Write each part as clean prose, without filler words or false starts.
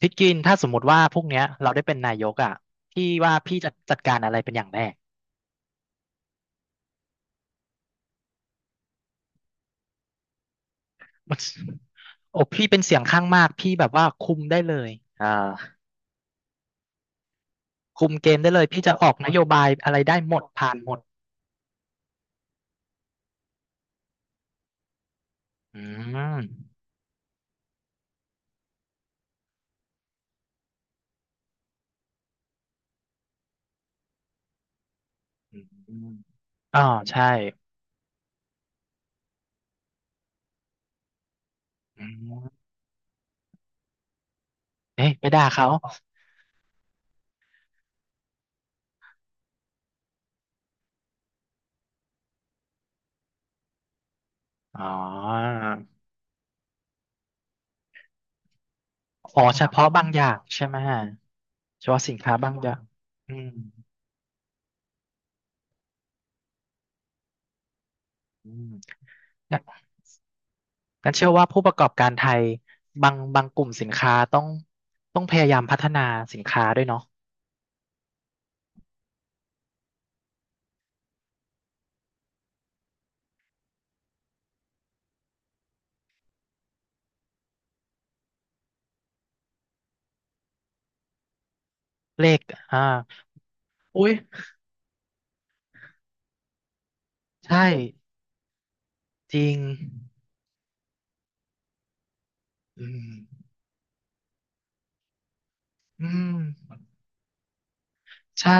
พี่กินถ้าสมมติว่าพวกเนี้ยเราได้เป็นนายกอ่ะพี่ว่าพี่จะจัดการอะไรเป็นอย่างแรก โอ้พี่เป็นเสียงข้างมากพี่แบบว่าคุมได้เลยอ่าคุมเกมได้เลยพี่จะออกนโยบายอะไรได้หมดผ่านหมดอืมอืมอ๋อใช่อืมเอ๊ะไปด่าเขาอ๋ออ๋อเฉพาะบางอย่างใช่ไหมเฉพาะสินค้าบางอย่างอืมอืม กันเชื่อว่าผู้ประกอบการไทยบางกลุ่มสินค้าต้องพยายามพัฒนาสินค้าด้วยเนาะเลขอ่าอุ้ยใช่จริงอืมอืมใช่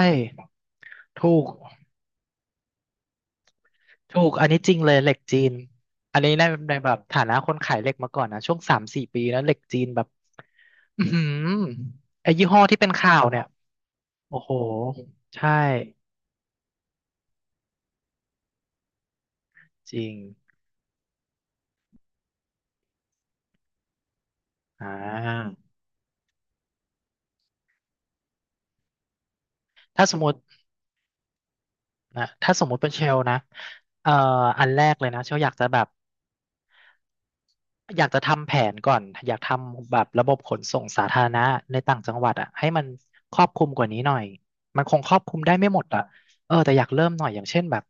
ถูกถูกอันนี้จริงเลยเหล็กจีนอันนี้ในแบบฐานะคนขายเหล็กมาก่อนนะช่วง3-4 ปีนะเหล็กจีนแบบอือหือไอ้ยี่ห้อที่เป็นข่าวเนี่ยโอ้โหใช่จริงอ่าถ้าสมมติ นะถ้าสมมุติเป็นเชลนะเอ่ออันแรกเลยนะเชลอยากจะแบบอยากจะทำแผนก่อนอยากทำแบบระบบขนส่งสาธารณะในต่างจังหวัดอ่ะให้มันครอบคลุมกว่านี้หน่อยมันคงครอบคลุมได้ไม่หมดอ่ะเออแต่อยากเริ่มหน่อยอย่างเช่นแบบ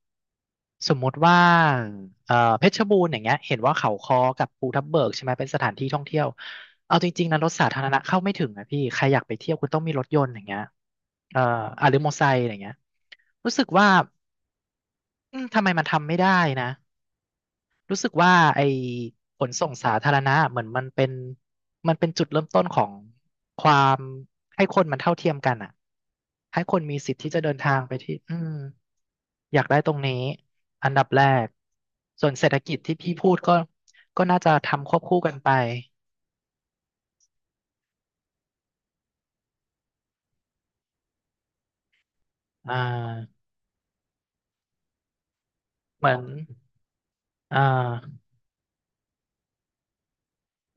สมมุติว่าเพชรบูรณ์อย่างเงี้ยเห็นว่าเขาค้อกับภูทับเบิกใช่ไหมเป็นสถานที่ท่องเที่ยวเอาจริงๆนะรถสาธารณะเข้าไม่ถึงนะพี่ใครอยากไปเที่ยวคุณต้องมีรถยนต์อย่างเงี้ยเอ่ออ่ะหรือมอเตอร์ไซค์อย่างเงี้ยรู้สึกว่า อืมทำไมมันทำไม่ได้นะรู้สึกว่าไอ้ขนส่งสาธารณะเหมือนมันเป็นจุดเริ่มต้นของความให้คนมันเท่าเทียมกันอ่ะให้คนมีสิทธิ์ที่จะเดินทางไปที่อืมอยากได้ตรงนี้อันดับแรกส่วนเศรษฐกิจที่พี่พูดก็ก็น่าจะทำควบคู่กันไปอ่าเหมือนอ่า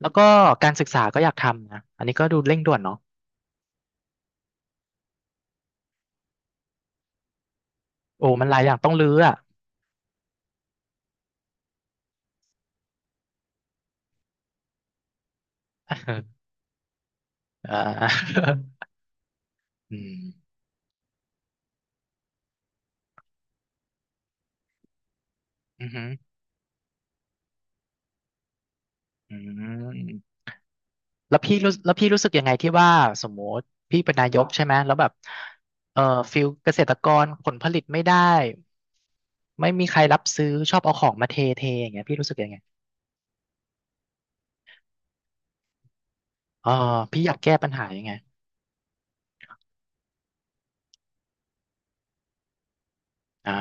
แล้วก็การศึกษาก็อยากทำนะอันนี้ก็ดูเร่งด่วนเนาะโอ้มันหลายอย่างต้องรื้ออ่ะ อ่า อืม อือฮึออืมแล้วพี่รู้แล้วพี่รู้สึกยังไงที่ว่าสมมติพี่เป็นนายกใช่ไหมแล้วแบบเอ่อฟิลเกษตรกรผลผลิตไม่ได้ไม่มีใครรับซื้อชอบเอาของมาเทอย่างเงี้ยพี่รู้สึกยังไงเออพี่อยากแก้ปัญหายังไงอ่า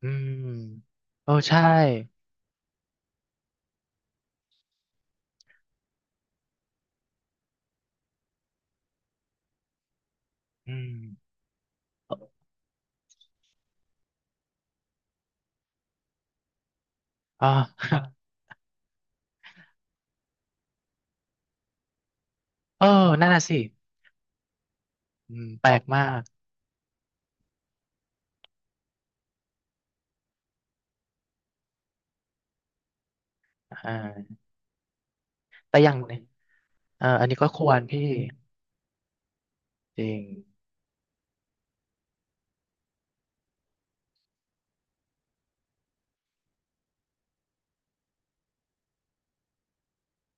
อืมโอ้ใช่อืมอ่า เออนั่นน่ะสิอืมแปลกมากอ่าแต่อย่างเอออันนี้ก็ควรพี่จริง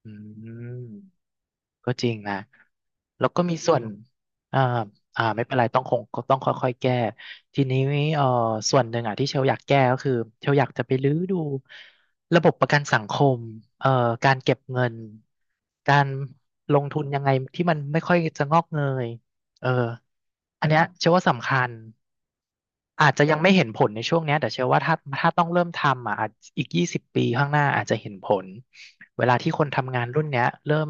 อืม ก็จริงนะ แล้วก็มีส่วนอ่าอ่าไม่เป็นไรต้องคงต้องค่อยๆ แก้ ทีนี้เอ่อส่วนหนึ่งอ่ะที่เชลอยากแก้ก็คือ เชลอยากจะไปรื้อดูระบบประกันสังคมเอ่อการเก็บเงิน การลงทุนยังไงที่มันไม่ค่อยจะงอกเงยเอออันเนี้ยเชลว่าสำคัญ อาจจะยังไม่เห็นผลในช่วงเนี้ยแต่เชื่อว่าถ้าต้องเริ่มทำอ่ะอาจอีก20 ปีข้างหน้าอาจจะเห็นผลเวลาที่คนทำงานรุ่นเนี้ยเริ่ม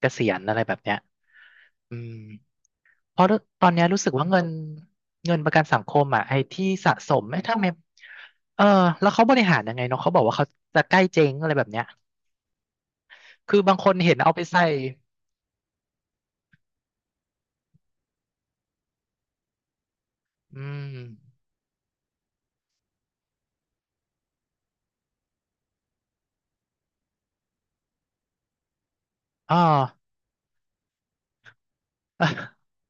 เกษียณอะไรแบบเนี้ยอืมเพราะตอนเนี้ยรู้สึกว่าเงินเงินประกันสังคมอ่ะไอ้ที่สะสมไอ้ทำาไม่เออแล้วเขาบริหารยังไงเนาะเขาบอกว่าเขาจะใกล้เจ๊งอะไรแบบเนี้ยคือบางคนเห็นเอาไปใส่อืมอ๋อ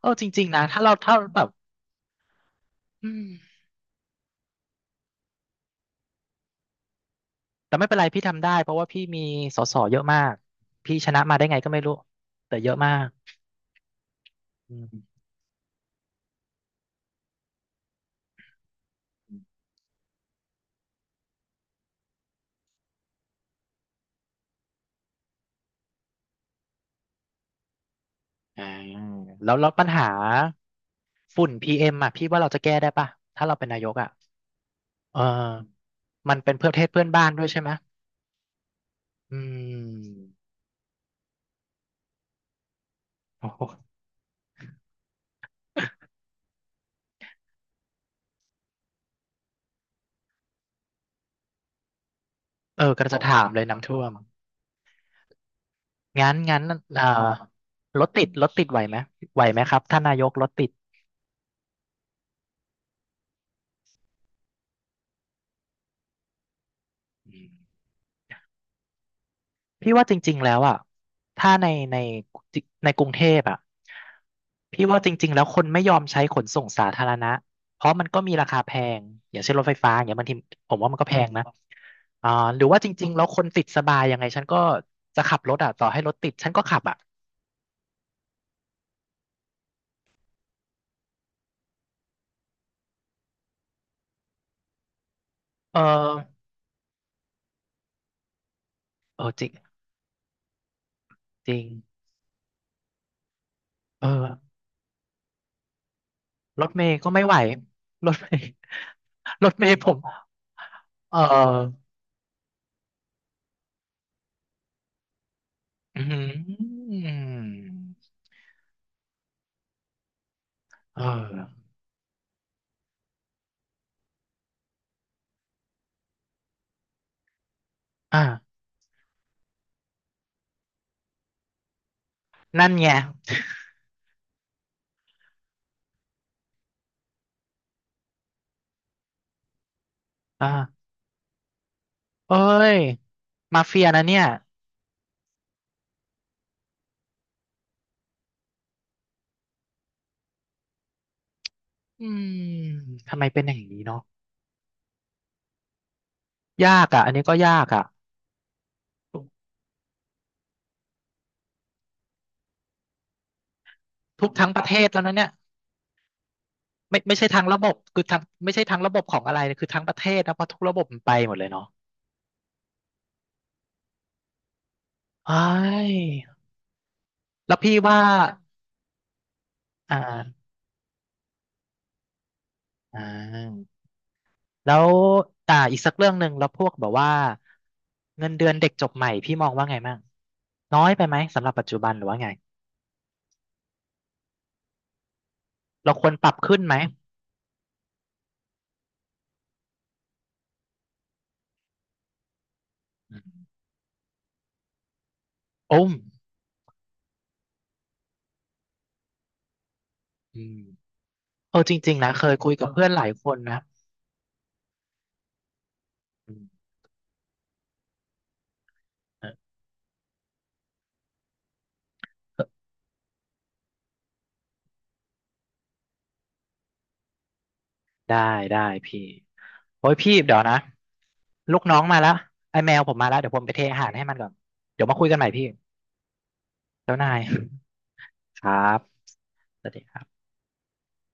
เออจริงๆนะถ้าเราถ้าแบบอืม แต่ไม่เป็นไรพี่ทำได้เพราะว่าพี่มีส.ส.เยอะมากพี่ชนะมาได้ไงก็ไม่รู้แต่เยอะมากอืมอ่าแล้วปัญหาฝุ่นPMอ่ะพี่ว่าเราจะแก้ได้ป่ะถ้าเราเป็นนายกอ่ะเออมันเป็นเพื่อประเทศเพื่อนบ้านด้วยใช่ไหมอืมโอ้โหเออกำลังจะถามเลยน้ำท่วมงั้นเอ่อรถติดรถติดไหวไหมไหวไหมครับท่านนายกรถติด พี่ว่าจริงๆแล้วอ่ะถ้าในในกรุงเทพอ่ะพี่ว่าจริงๆแล้วคนไม่ยอมใช้ขนส่งสาธารณะเพราะมันก็มีราคาแพงอย่างเช่นรถไฟฟ้าอย่างเงี้ยบางทีผมว่ามันก็แพงนะอ่าหรือว่าจริงๆแล้วคนติดสบายยังไงฉันก็จะขับรถอ่ะต่อให้รถติดฉันก็ขับอ่ะเออเออจริงจริงเออรถเมย์ก็ไม่ไหวรถเมย์ รถเมย์ผมเอออืมเอออ่า นั่นไงอ่าเอ้ย มาเฟียนะเนี่ยอืมทำไมเป็นอย่างนี้เนาะยากอ่ะอันนี้ก็ยากอ่ะทุกทุกทั้งประเทศแล้วนะเนี่ยไม่ไม่ใช่ทางระบบคือทางไม่ใช่ทางระบบของอะไรนะคือทั้งประเทศนะเพราะทุกระบบมันไปหมดเลยเนาะเอ้ยแล้วพี่ว่าอ่าอ่าแล้วอ่าอีกสักเรื่องหนึ่งแล้วพวกแบบว่าเงินเดือนเด็กจบใหม่พี่มองว่าไงมั่งน้อยไปไหมสำหรับปัจจุบันหรือว่าไงเราควรปรับขึ้นไหมโอ้มอืม เออจริงๆนะเคยคุยกับเพื่อนหลายคนนะอืมเออได้ได้พี่โอ้ยพี่เดี๋ยวนะลูกน้องมาแล้วไอ้แมวผมมาแล้วเดี๋ยวผมไปเทอาหารให้มันก่อนเดี๋ยวมาคุยกันใหม่พี่ครับสวัสดีครับ